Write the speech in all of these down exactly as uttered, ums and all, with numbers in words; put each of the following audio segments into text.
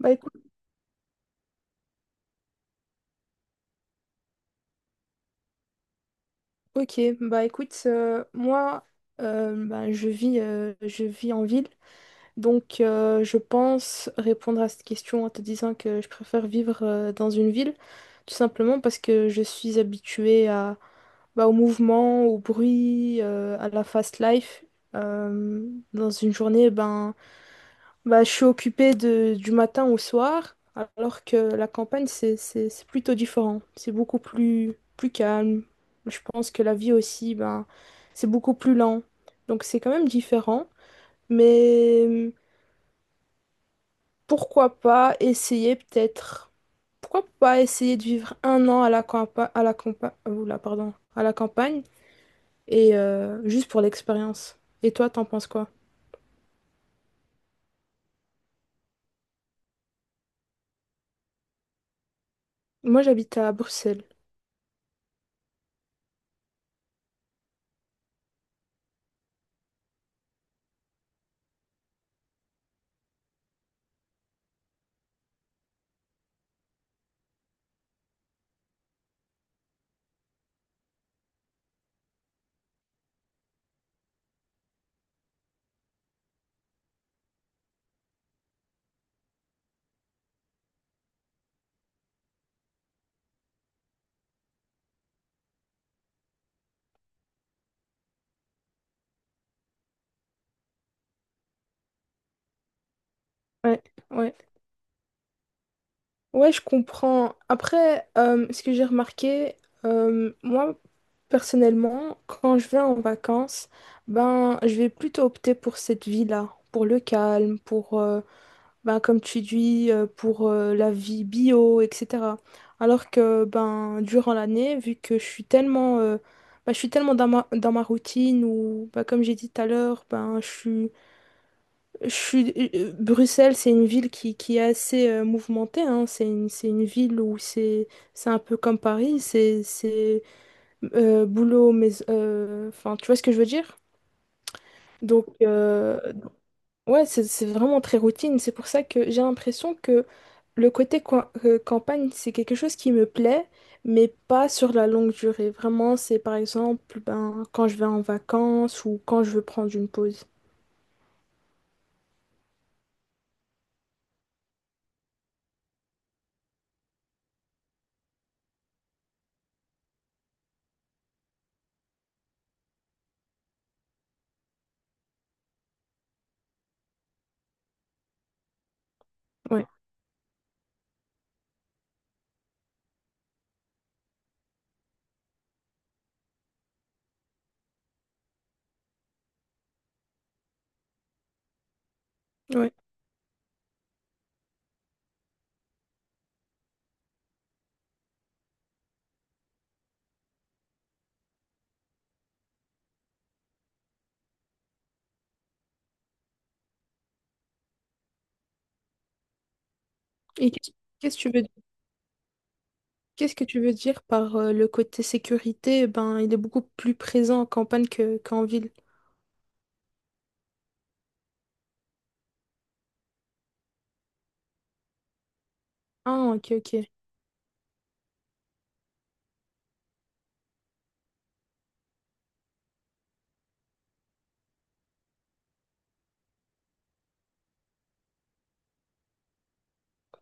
Bah écoute, ok, bah écoute, euh, moi euh, bah, je vis, euh, je vis en ville, donc euh, je pense répondre à cette question en te disant que je préfère vivre euh, dans une ville, tout simplement parce que je suis habituée à, bah, au mouvement, au bruit, euh, à la fast life. Euh, dans une journée, ben Bah, je suis occupée de, du matin au soir, alors que la campagne, c'est, c'est, c'est plutôt différent. C'est beaucoup plus, plus calme. Je pense que la vie aussi, ben, c'est beaucoup plus lent. Donc c'est quand même différent. Mais euh, pourquoi pas essayer peut-être... Pourquoi pas essayer de vivre un an à la campagne, à la campa- oula, pardon, à la campagne et euh, juste pour l'expérience. Et toi, t'en penses quoi? Moi, j'habite à Bruxelles. Ouais, ouais. Ouais, je comprends. Après, euh, ce que j'ai remarqué, euh, moi, personnellement, quand je vais en vacances, ben, je vais plutôt opter pour cette vie-là, pour le calme, pour, euh, ben, comme tu dis, euh, pour euh, la vie bio, et cetera. Alors que, ben, durant l'année, vu que je suis tellement, euh, ben, je suis tellement dans ma, dans ma routine, ou, ben, comme j'ai dit tout à l'heure, ben, je suis je suis... euh, Bruxelles, c'est une ville qui, qui est assez euh, mouvementée, hein. C'est une, c'est une ville où c'est c'est un peu comme Paris, c'est c'est, euh, boulot, mais... euh, enfin, tu vois ce que je veux dire? Donc, euh, ouais, c'est c'est vraiment très routine. C'est pour ça que j'ai l'impression que le côté coin- euh, campagne, c'est quelque chose qui me plaît, mais pas sur la longue durée. Vraiment, c'est par exemple ben, quand je vais en vacances ou quand je veux prendre une pause. Ouais, ouais. Et qu'est-ce qu'est-ce que tu veux qu'est-ce que tu veux dire par euh, le côté sécurité? Eh ben, il est beaucoup plus présent en campagne que, qu'en ville. Ah, ok, ok.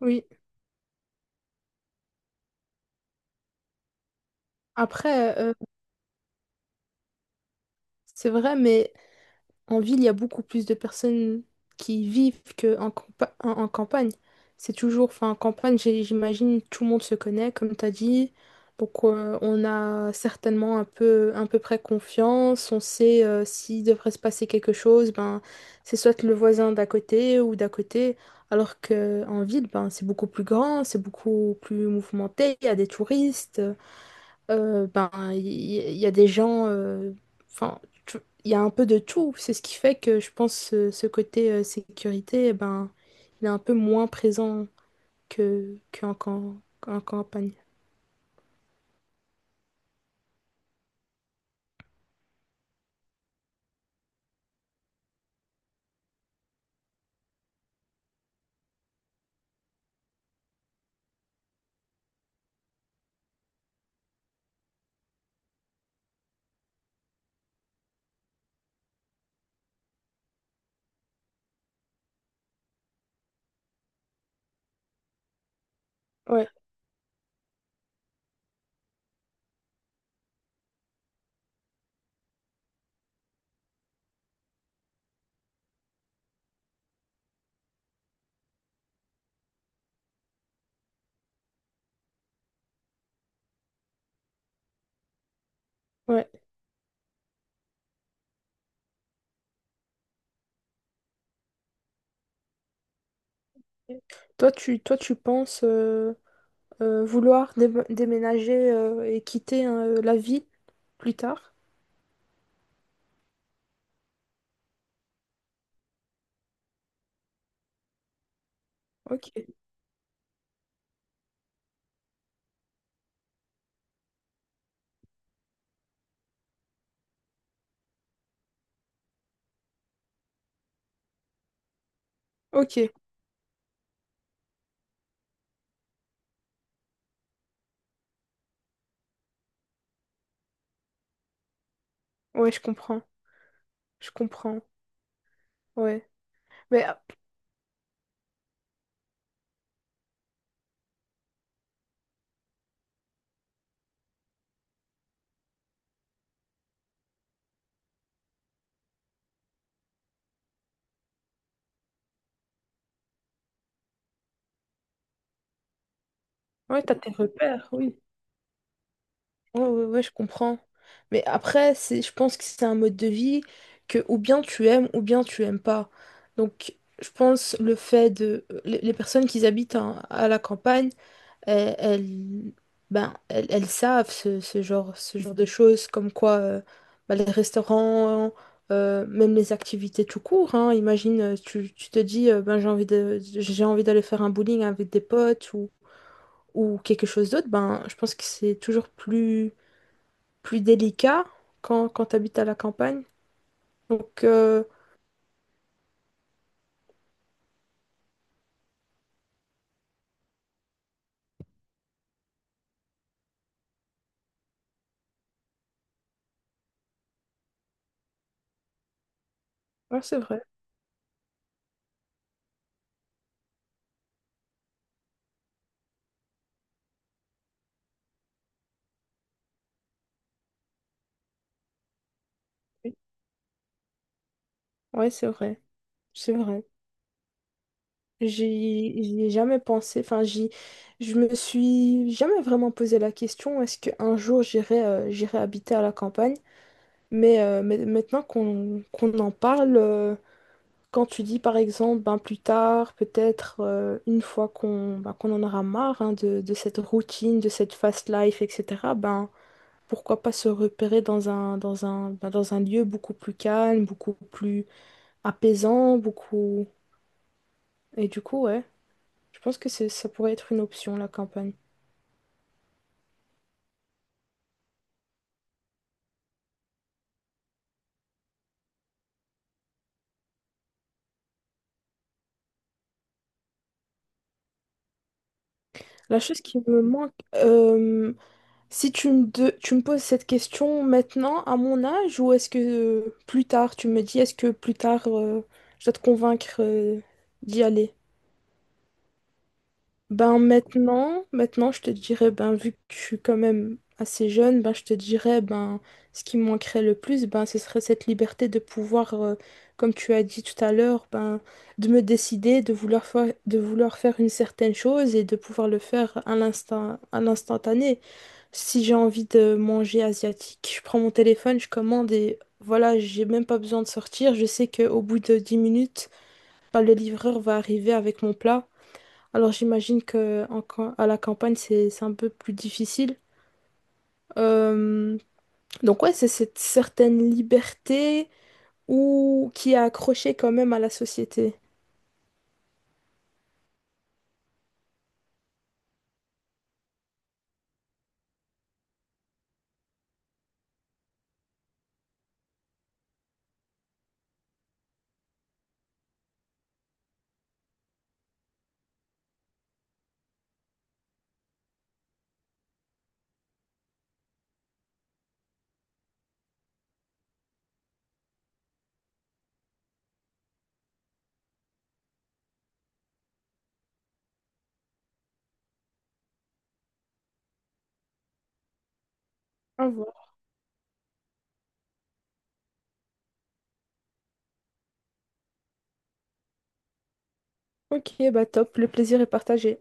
Oui. Après, euh, c'est vrai, mais en ville, il y a beaucoup plus de personnes qui vivent qu'en campa- en, en campagne. C'est toujours, enfin, en campagne, j'ai- j'imagine, tout le monde se connaît, comme tu as dit. Donc, euh, on a certainement un peu, à peu près confiance. On sait euh, s'il devrait se passer quelque chose, ben, c'est soit le voisin d'à côté ou d'à côté. Alors qu'en ville, ben, c'est beaucoup plus grand, c'est beaucoup plus mouvementé. Il y a des touristes. Euh, ben, il y, il y a des gens, euh, enfin, tu- il y a un peu de tout. C'est ce qui fait que je pense ce, ce côté euh, sécurité, eh ben, il est un peu moins présent que qu'en cam- qu'en campagne. Ouais, ouais. Toi, tu, toi, tu penses euh, euh, vouloir dé- déménager euh, et quitter euh, la ville plus tard? Ok, ok. Ouais, je comprends, je comprends. Ouais, mais euh, ouais, t'as tes repères, oui. Ouais, ouais, ouais, je comprends. Mais après, c'est, je pense que c'est un mode de vie que ou bien tu aimes ou bien tu aimes pas. Donc, je pense le fait de... Les les personnes qui habitent en- à la campagne, elles, elles- ben, elles, elles savent ce, ce genre, ce genre de choses, comme quoi euh, ben, les restaurants, euh, même les activités tout court, hein. Imagine, euh, tu, tu te dis, euh, ben, j'ai envie de, j'ai envie d'aller faire un bowling avec des potes ou, ou quelque chose d'autre, ben, je pense que c'est toujours plus plus délicat quand, quand tu habites à la campagne. Donc, euh, ouais, c'est vrai. Oui. Ouais, c'est vrai. C'est vrai. J'y j'y ai jamais pensé. Enfin, j'y, je me suis jamais vraiment posé la question, est-ce qu'un jour j'irai euh, j'irai habiter à la campagne? Mais, euh, mais maintenant qu'on qu'on en parle, euh, quand tu dis par exemple, ben, plus tard, peut-être euh, une fois qu'on ben, qu'on en aura marre hein, de, de cette routine, de cette fast life, et cetera, ben, pourquoi pas se repérer dans un, dans un, bah, dans un lieu beaucoup plus calme, beaucoup plus apaisant, beaucoup... Et du coup, ouais, je pense que c'est, ça pourrait être une option, la campagne. La chose qui me manque, euh, si tu me, de- tu me poses cette question maintenant, à mon âge, ou est-ce que euh, plus tard, tu me dis, est-ce que plus tard, euh, je dois te convaincre euh, d'y aller? Ben maintenant, maintenant je te dirais, ben vu que je suis quand même assez jeune, ben je te dirais, ben ce qui me manquerait le plus, ben ce serait cette liberté de pouvoir, euh, comme tu as dit tout à l'heure, ben de me décider, de vouloir faire, de vouloir faire une certaine chose et de pouvoir le faire à l'instant, à l'instantané. Si j'ai envie de manger asiatique, je prends mon téléphone, je commande et voilà, j'ai même pas besoin de sortir. Je sais qu'au bout de dix minutes, ben, le livreur va arriver avec mon plat. Alors j'imagine que en cam- à la campagne, c'est c'est un peu plus difficile. Euh, donc ouais, c'est cette certaine liberté ou qui est accrochée quand même à la société. Au revoir. Ok, bah top, le plaisir est partagé.